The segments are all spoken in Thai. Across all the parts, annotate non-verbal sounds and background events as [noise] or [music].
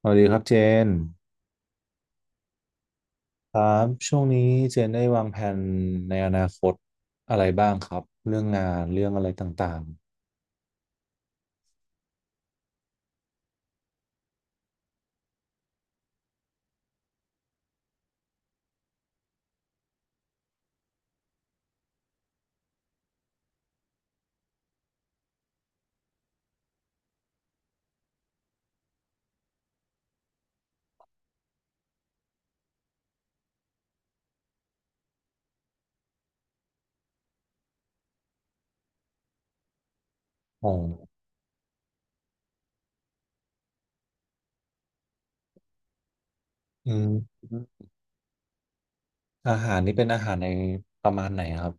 สวัสดีครับเจนครับช่วงนี้เจนได้วางแผนในอนาคตอะไรบ้างครับเรื่องงานเรื่องอะไรต่างๆอ๋ออืมอาหารนี่เป็นอาหารในประมาณไหนครับ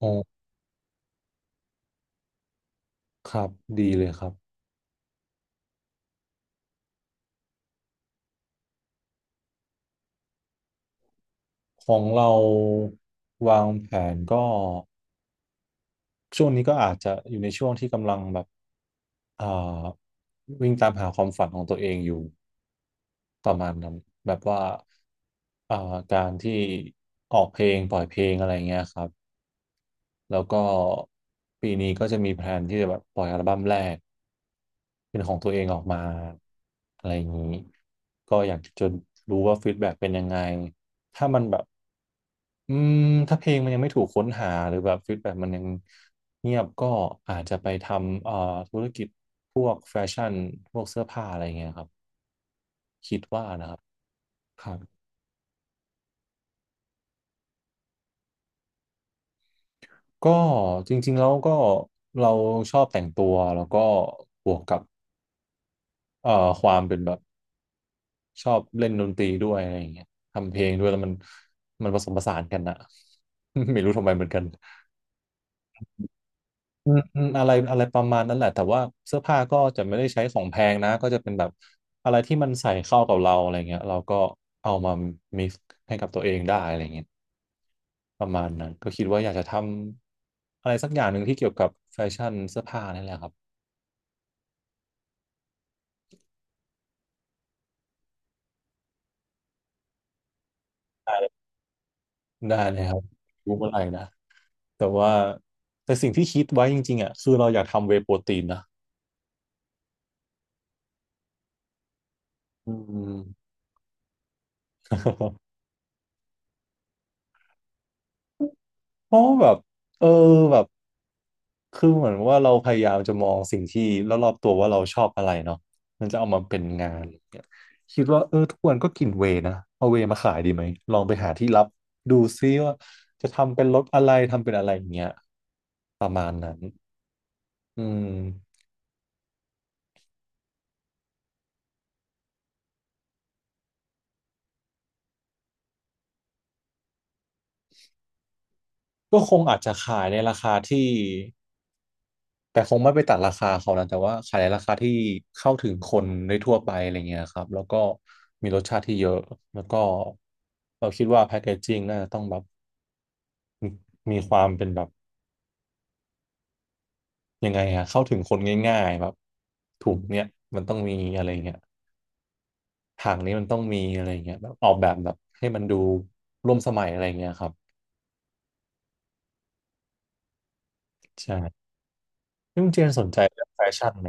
อ๋อครับดีเลยครับของเราวางแผนก็ ช่วงนี้ก็อาจจะอยู่ในช่วงที่กำลังแบบเอ่อวิ่งตามหาความฝันของตัวเองอยู่ประมาณนั้นแบบว่าเอ่อการที่ออกเพลงปล่อยเพลงอะไรเงี้ยครับแล้วก็ปีนี้ก็จะมีแพลนที่จะแบบปล่อยอัลบั้มแรกเป็นของตัวเองออกมาอะไรอย่างนี้ก็อยากจะรู้ว่าฟีดแบ็กเป็นยังไงถ้ามันแบบ อืมถ้าเพลงมันยังไม่ถูกค้นหาหรือแบบฟีดแบ็มันยังเงียบก็อาจจะไปทำธุรกิจพวกแฟชั่นพวกเสื้อผ้าอะไรเงี้ยครับคิดว่านะครับครับก็จริงๆแล้วก็เราชอบแต่งตัวแล้วก็บวกกับเอ่อความเป็นแบบชอบเล่นดนตรีด้วยอะไรอย่างเงี้ยทำเพลงด้วยแล้วมันผสมผสานกันนะ [laughs] ไม่รู้ทำไมเหมือนกัน อืมอืมอะไรอะไรประมาณนั้นแหละแต่ว่าเสื้อผ้าก็จะไม่ได้ใช้ของแพงนะก็จะเป็นแบบอะไรที่มันใส่เข้ากับเราอะไรเงี้ยเราก็เอามา mix ให้กับตัวเองได้อะไรเงี้ยประมาณนั้นก็คิดว่าอยากจะทำอะไรสักอย่างหนึ่งที่เกี่ยวกับแฟชั่นเสื้อผ้านี่แหละครับได้เลยครับรู้เมื่อไหร่นะแต่ว่าแต่สิ่งที่คิดไว้จริงๆอ่ะคือเราอยากทำเวย์โปรตีนนะอืม [laughs] เพราะว่าแบบเออแบบ คือเหมือนว่าเราพยายามจะมองสิ่งที่รอบๆตัวว่าเราชอบอะไรเนาะมันจะเอามาเป็นงานเนี่ยคิดว่าเออทุกวันก็กินเวย์นะเอาเวย์มาขายดีไหมลองไปหาที่รับดูซิว่าจะทำเป็นรถอะไรทำเป็นอะไรอย่างเงี้ยประมาณนั้นอืมก็คงอาจจะขายในราคาที่แต่คงไม่ไปตัดราคาเขานะแต่ว่าขายในราคาที่เข้าถึงคนได้ทั่วไปอะไรเงี้ยครับแล้วก็มีรสชาติที่เยอะแล้วก็เราคิดว่าแพคเกจจิ้งน่าจะต้องแบบมีความเป็นแบบ ยังไงอะเข้าถึงคนง่ายๆแบบถูกเนี่ยมันต้องมีอะไรเงี้ยทางนี้มันต้องมีอะไรเงี้ยแบบออกแบบแบบให้มันดูร่วมสมัยอะไรเงี้ยครับใช่นี่คุณเจนสนใจเรื่องแฟชั่นไหม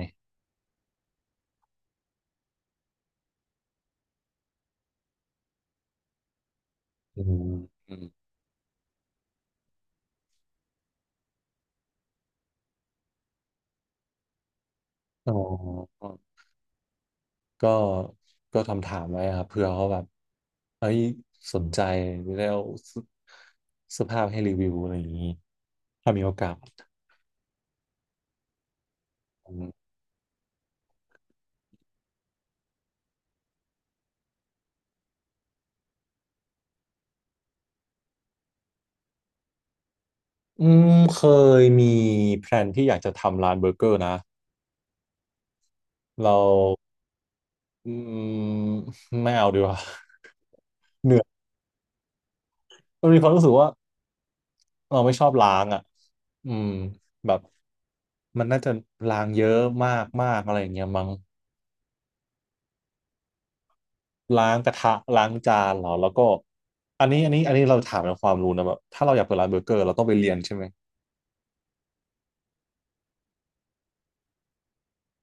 อืมอืมอ๋อก็ก็ทำถามไว้ครับเผื่อเขาแบบเอ้ยสนใจแล้วเสื้อผ้าให้รีวิวอะไรอย่างนี้ถ้ามีโอกาสอืมอืมเคยมีแพลนที่อยากจะทำร้านเบอร์เกอร์นะเรา อืมไม่เอาดีกว่า [laughs] เหนื่อยมันมีความรู้สึกว่าเราไม่ชอบล้างอ่ะอืมแบบมันน่าจะล้างเยอะมากมากอะไรอย่างเงี้ยมั้งล้างกระทะล้างจานเหรอแล้วก็อันนี้อันนี้อันนี้เราถามในความรู้นะแบบถ้าเราอยากเปิดร้านเบอร์เกอร์เราต้องไปเรียนใช่ไหม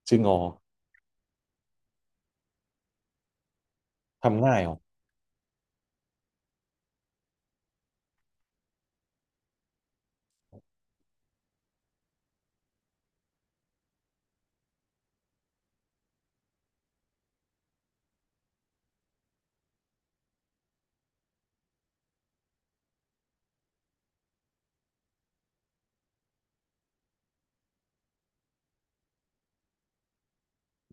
จริงเหรอทำง่ายเหรอ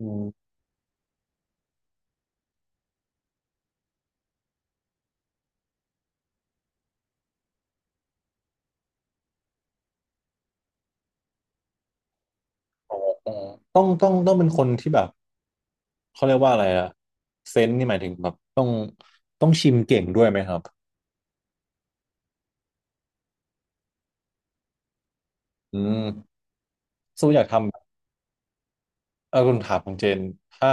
อืมต้องเป็นคนที่แบบเขาเรียกว่าอะไรอะเซนส์นี่หมายถึงแบบต้องชิมเก่งด้วยไหมครับอืมสู้อยากทำ เออคุณถามของเจนถ้า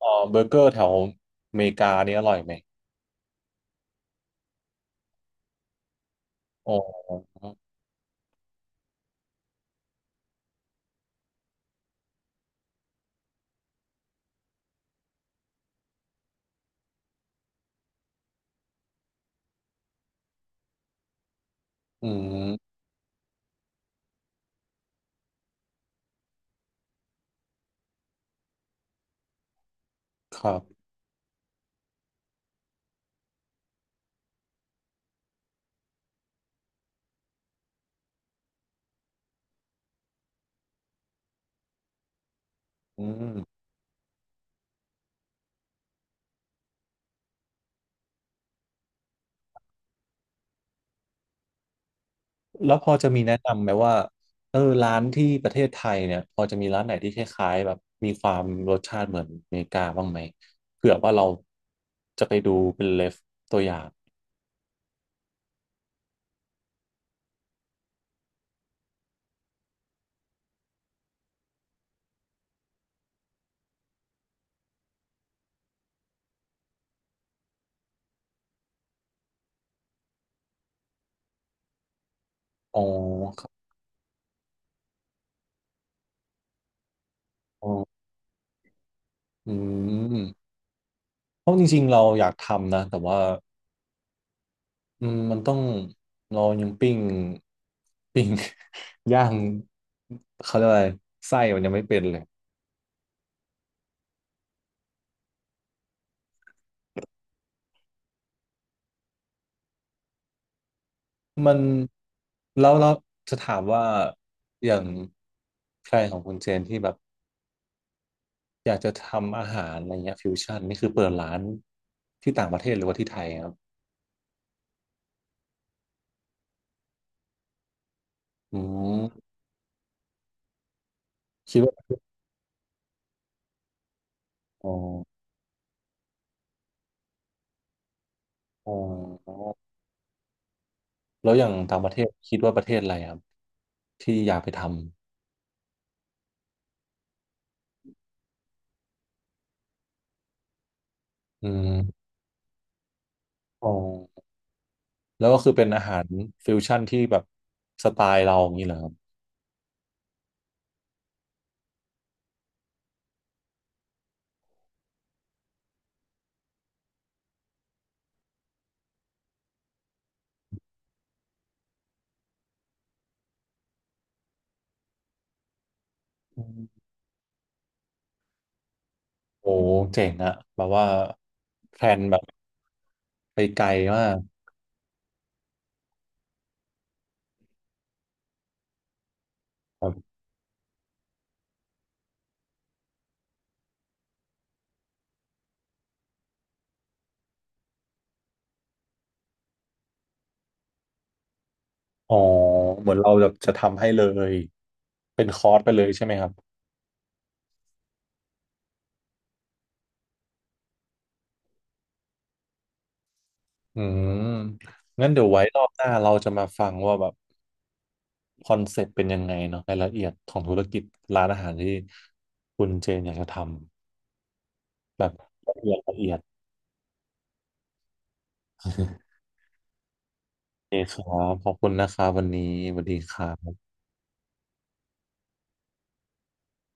เออเบอร์เกอร์แถวอเมริกานี่อร่อยไหมอ๋ออืมครับอืมแล้วพอจะมีแนะนำไหมว่าเออร้านที่ประเทศไทยเนี่ยพอจะมีร้านไหนที่คล้ายๆแบบมีความรสชาติเหมือนอเมริกาบ้างไหมเผื่อว่าเราจะไปดูเป็นเลฟตัวอย่างอ๋อครับอ๋ออืมเพราะจริงๆเราอยากทำนะแต่ว่า อืมมันต้องเรายังปิ้ง [laughs] ปิ้ง [laughs] ย่างเขาเรียกว่าอะไรไส้มันยังไม่เป็นเลยมันแล้วเราจะถามว่าอย่างแพลนของคุณเจนที่แบบอยากจะทำอาหารอะไรเงี้ยฟิวชั่นนี่คือเปิดร้านที่ต่างประเทศหรือว่าที่ไทยครับอืมคิดว่าอ๋ออ๋อแล้วอย่างต่างประเทศคิดว่าประเทศอะไรครับที่อยากไปทำอืมอ๋อ แล้วก็คือเป็นอาหารฟิวชั่นที่แบบสไตล์เราอย่างนี้เหรอครับอืมโอ้เจ๋งอะแบบว่าแพลนแบบไปไกลมากแบบอ๋อเหมือนเราแบบจะทำให้เลยเป็นคอร์สไปเลยใช่ไหมครับอืมงั้นเดี๋ยวไว้รอบหน้าเราจะมาฟังว่าแบบคอนเซ็ปต์เป็นยังไงเนาะรายละเอียดของธุรกิจร้านอาหารที่คุณเจนอยากจะทำแบบละเอียดละเอียดโอเคครับขอบคุณนะครับวันนี้สวัสดีครับ